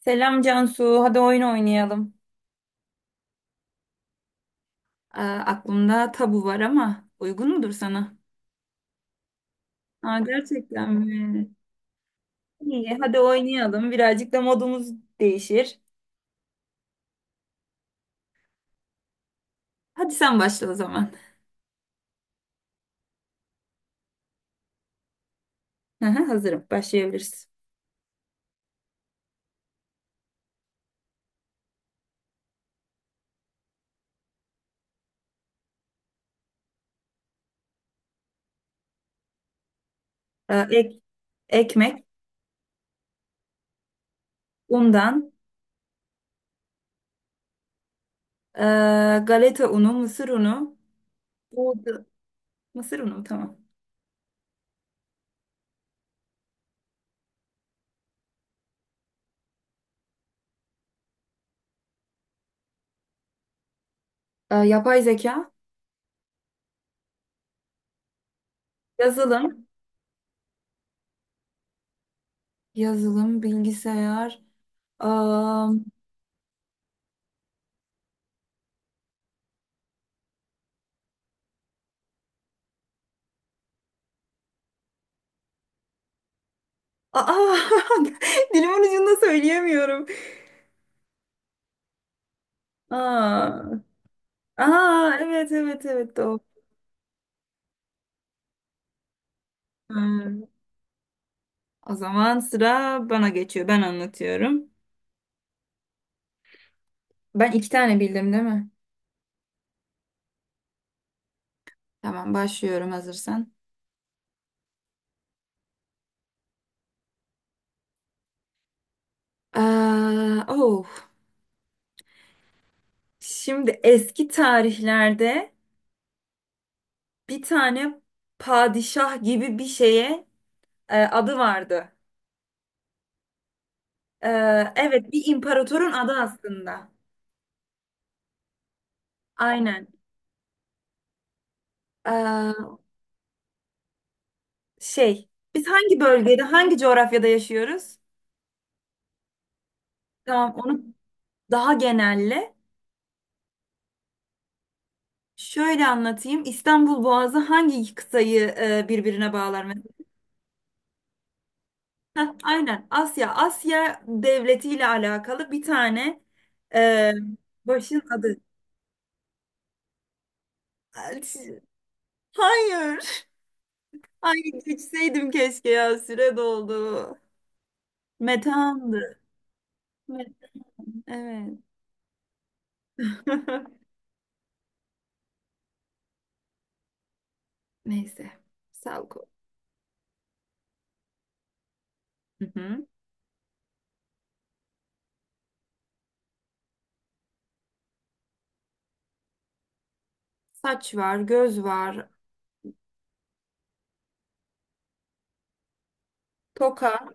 Selam Cansu, hadi oyun oynayalım. Aa, aklımda tabu var ama uygun mudur sana? Gerçekten mi? İyi, hadi oynayalım. Birazcık da modumuz değişir. Hadi sen başla o zaman. Aha, hazırım, başlayabiliriz. Ee, ek, ekmek, undan, ee, galeta unu, mısır unu, buğday, mısır unu mu? Tamam. Yapay zeka, yazılım, yazılım, bilgisayar. Aa, aa, Dilimin ucunda söyleyemiyorum. Aa, aa evet evet evet doğru. Ha, o zaman sıra bana geçiyor. Ben anlatıyorum. Ben iki tane bildim değil mi? Tamam başlıyorum hazırsan. Oh. Şimdi eski tarihlerde bir tane padişah gibi bir şeye adı vardı. E, evet bir imparatorun adı aslında. Aynen. Aa, şey, biz hangi bölgede, hangi coğrafyada yaşıyoruz? Tamam, onu daha genelle. Şöyle anlatayım. İstanbul Boğazı hangi iki kıtayı birbirine bağlar mesela? Aynen. Asya. Asya devletiyle alakalı bir tane e, başın adı. Hayır. Ay, geçseydim keşke ya. Süre doldu. Metandı. Met- Evet. Neyse. Salko. Hı hı. Saç var, göz var, toka,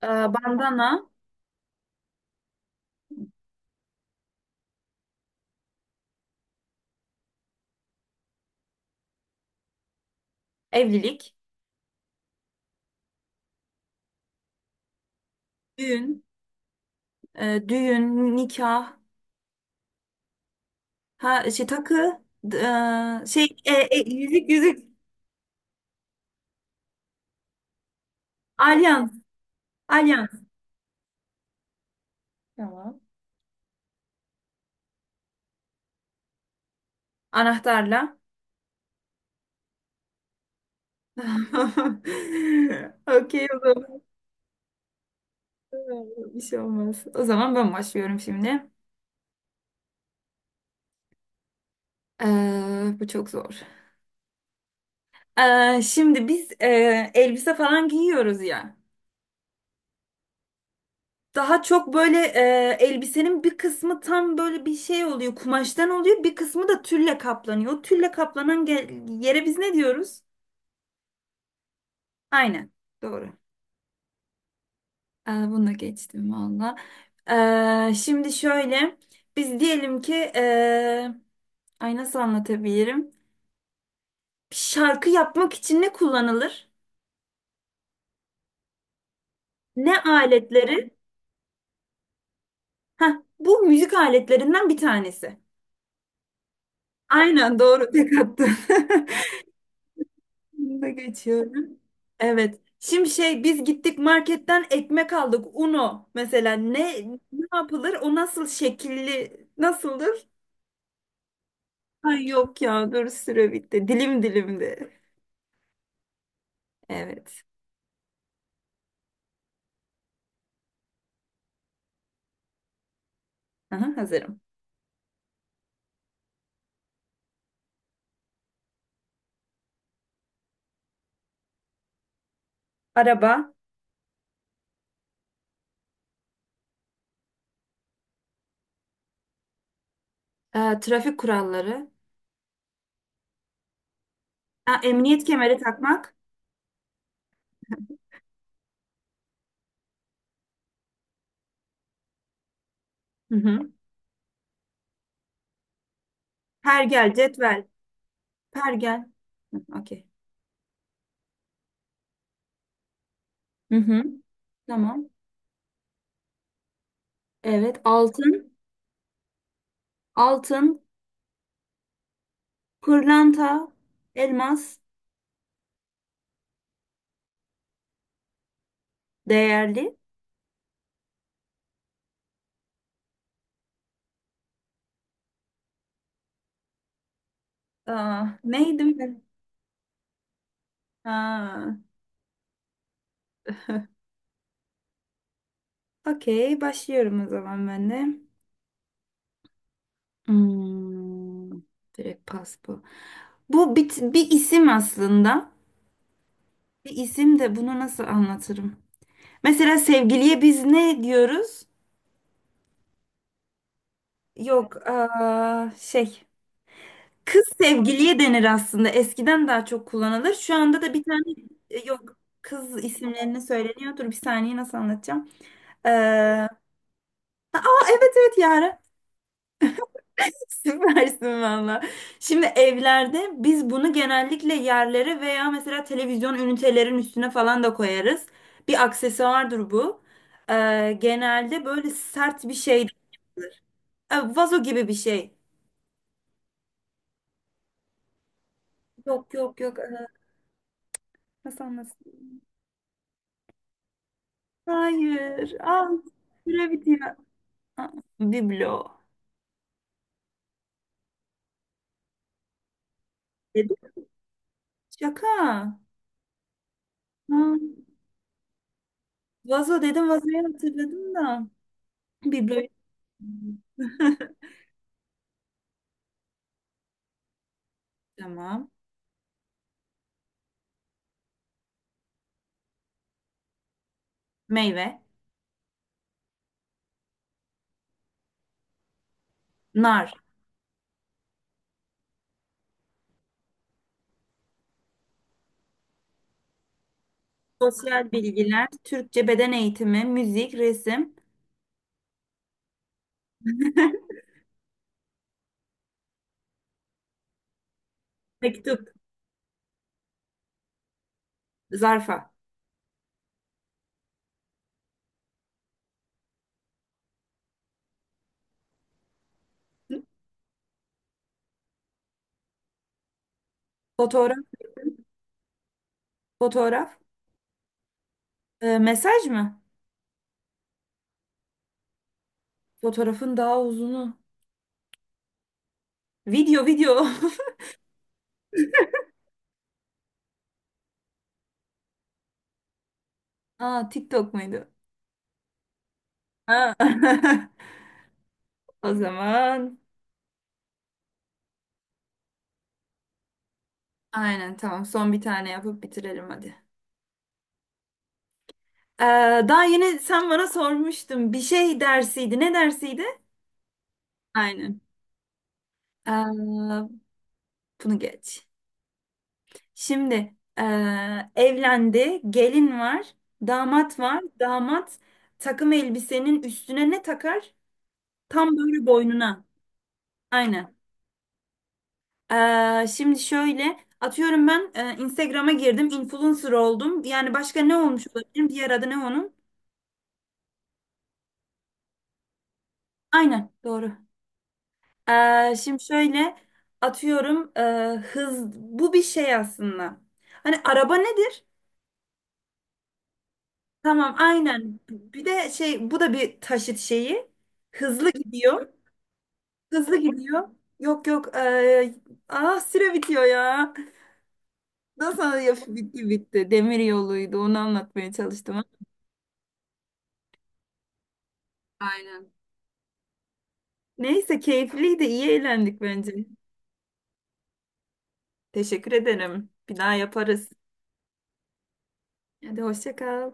bandana, evlilik, düğün, nikah. Ha, şey, takı, şey, yüzük, yüzük, alyans, alyans. Tamam. Anahtarla. Okey, o zaman. Bir şey olmaz. O zaman ben başlıyorum şimdi. Bu çok zor. Şimdi biz elbise falan giyiyoruz ya. Daha çok böyle elbisenin bir kısmı tam böyle bir şey oluyor, kumaştan oluyor. Bir kısmı da tülle kaplanıyor. O tülle kaplanan yere biz ne diyoruz? Aynen. Doğru. Bunu geçtim valla. Şimdi şöyle, biz diyelim ki ay, nasıl anlatabilirim? Şarkı yapmak için ne kullanılır? Ne aletleri? Heh, bu müzik aletlerinden bir tanesi. Aynen, doğru, tek attın. Bunu da geçiyorum. Evet. Şimdi şey, biz gittik marketten ekmek aldık. Uno mesela, ne yapılır? O nasıl şekilli, nasıldır? Ay, yok ya, dur, süre bitti. Dilim dilimdi. Evet. Aha, hazırım. Araba. Trafik kuralları. Ha, emniyet kemeri takmak. Hı hı. Pergel, cetvel. Pergel. Okey. Hı hı. Tamam. Evet. Altın. Altın. Pırlanta. Elmas. Değerli. Neydi mi? Ha. Okey. Başlıyorum o zaman ben de. Hmm, direkt pas bu. Bu bir isim aslında. Bir isim de, bunu nasıl anlatırım? Mesela sevgiliye biz ne diyoruz? Yok, şey. Kız sevgiliye denir aslında. Eskiden daha çok kullanılır. Şu anda da bir tane yok, kız isimlerini söyleniyor. Dur bir saniye, nasıl anlatacağım? Aa evet evet Yara. Süpersin valla. Şimdi evlerde biz bunu genellikle yerlere veya mesela televizyon ünitelerin üstüne falan da koyarız. Bir aksesuardır bu. Genelde böyle sert bir şey. Vazo gibi bir şey. Yok, yok, yok. Hasan nasıl anlasın? Hayır. Al. Süre bitiyor. Aa, Biblo. Dedim. Şaka. Ha, vazo dedim, vazoyu hatırladım da. Bibloyu. Tamam. Meyve. Nar. Sosyal bilgiler. Türkçe, beden eğitimi. Müzik. Resim. Mektup. Zarfa. Fotoğraf. Fotoğraf. Mesaj mı? Fotoğrafın daha uzunu. Video, video. TikTok muydu? Ha. O zaman. Aynen, tamam. Son bir tane yapıp bitirelim hadi. Ee, daha yeni sen bana sormuştun. Bir şey dersiydi. Ne dersiydi? Aynen. Ee, bunu geç. Şimdi evlendi. Gelin var. Damat var. Damat takım elbisenin üstüne ne takar? Tam böyle boynuna. Aynen. Şimdi şöyle, atıyorum ben, Instagram'a girdim. Influencer oldum. Yani, başka ne olmuş olabilirim? Diğer adı ne onun? Aynen. Doğru. Şimdi şöyle, atıyorum hız, bu bir şey aslında. Hani araba nedir? Tamam, aynen. Bir de şey, bu da bir taşıt şeyi. Hızlı gidiyor. Hızlı gidiyor. Yok, yok. Ah, süre bitiyor ya. Nasıl ya, bitti bitti. Demir yoluydu, onu anlatmaya çalıştım. Aynen. Neyse, keyifliydi, iyi eğlendik bence. Teşekkür ederim. Bir daha yaparız. Hadi, hoşça kal.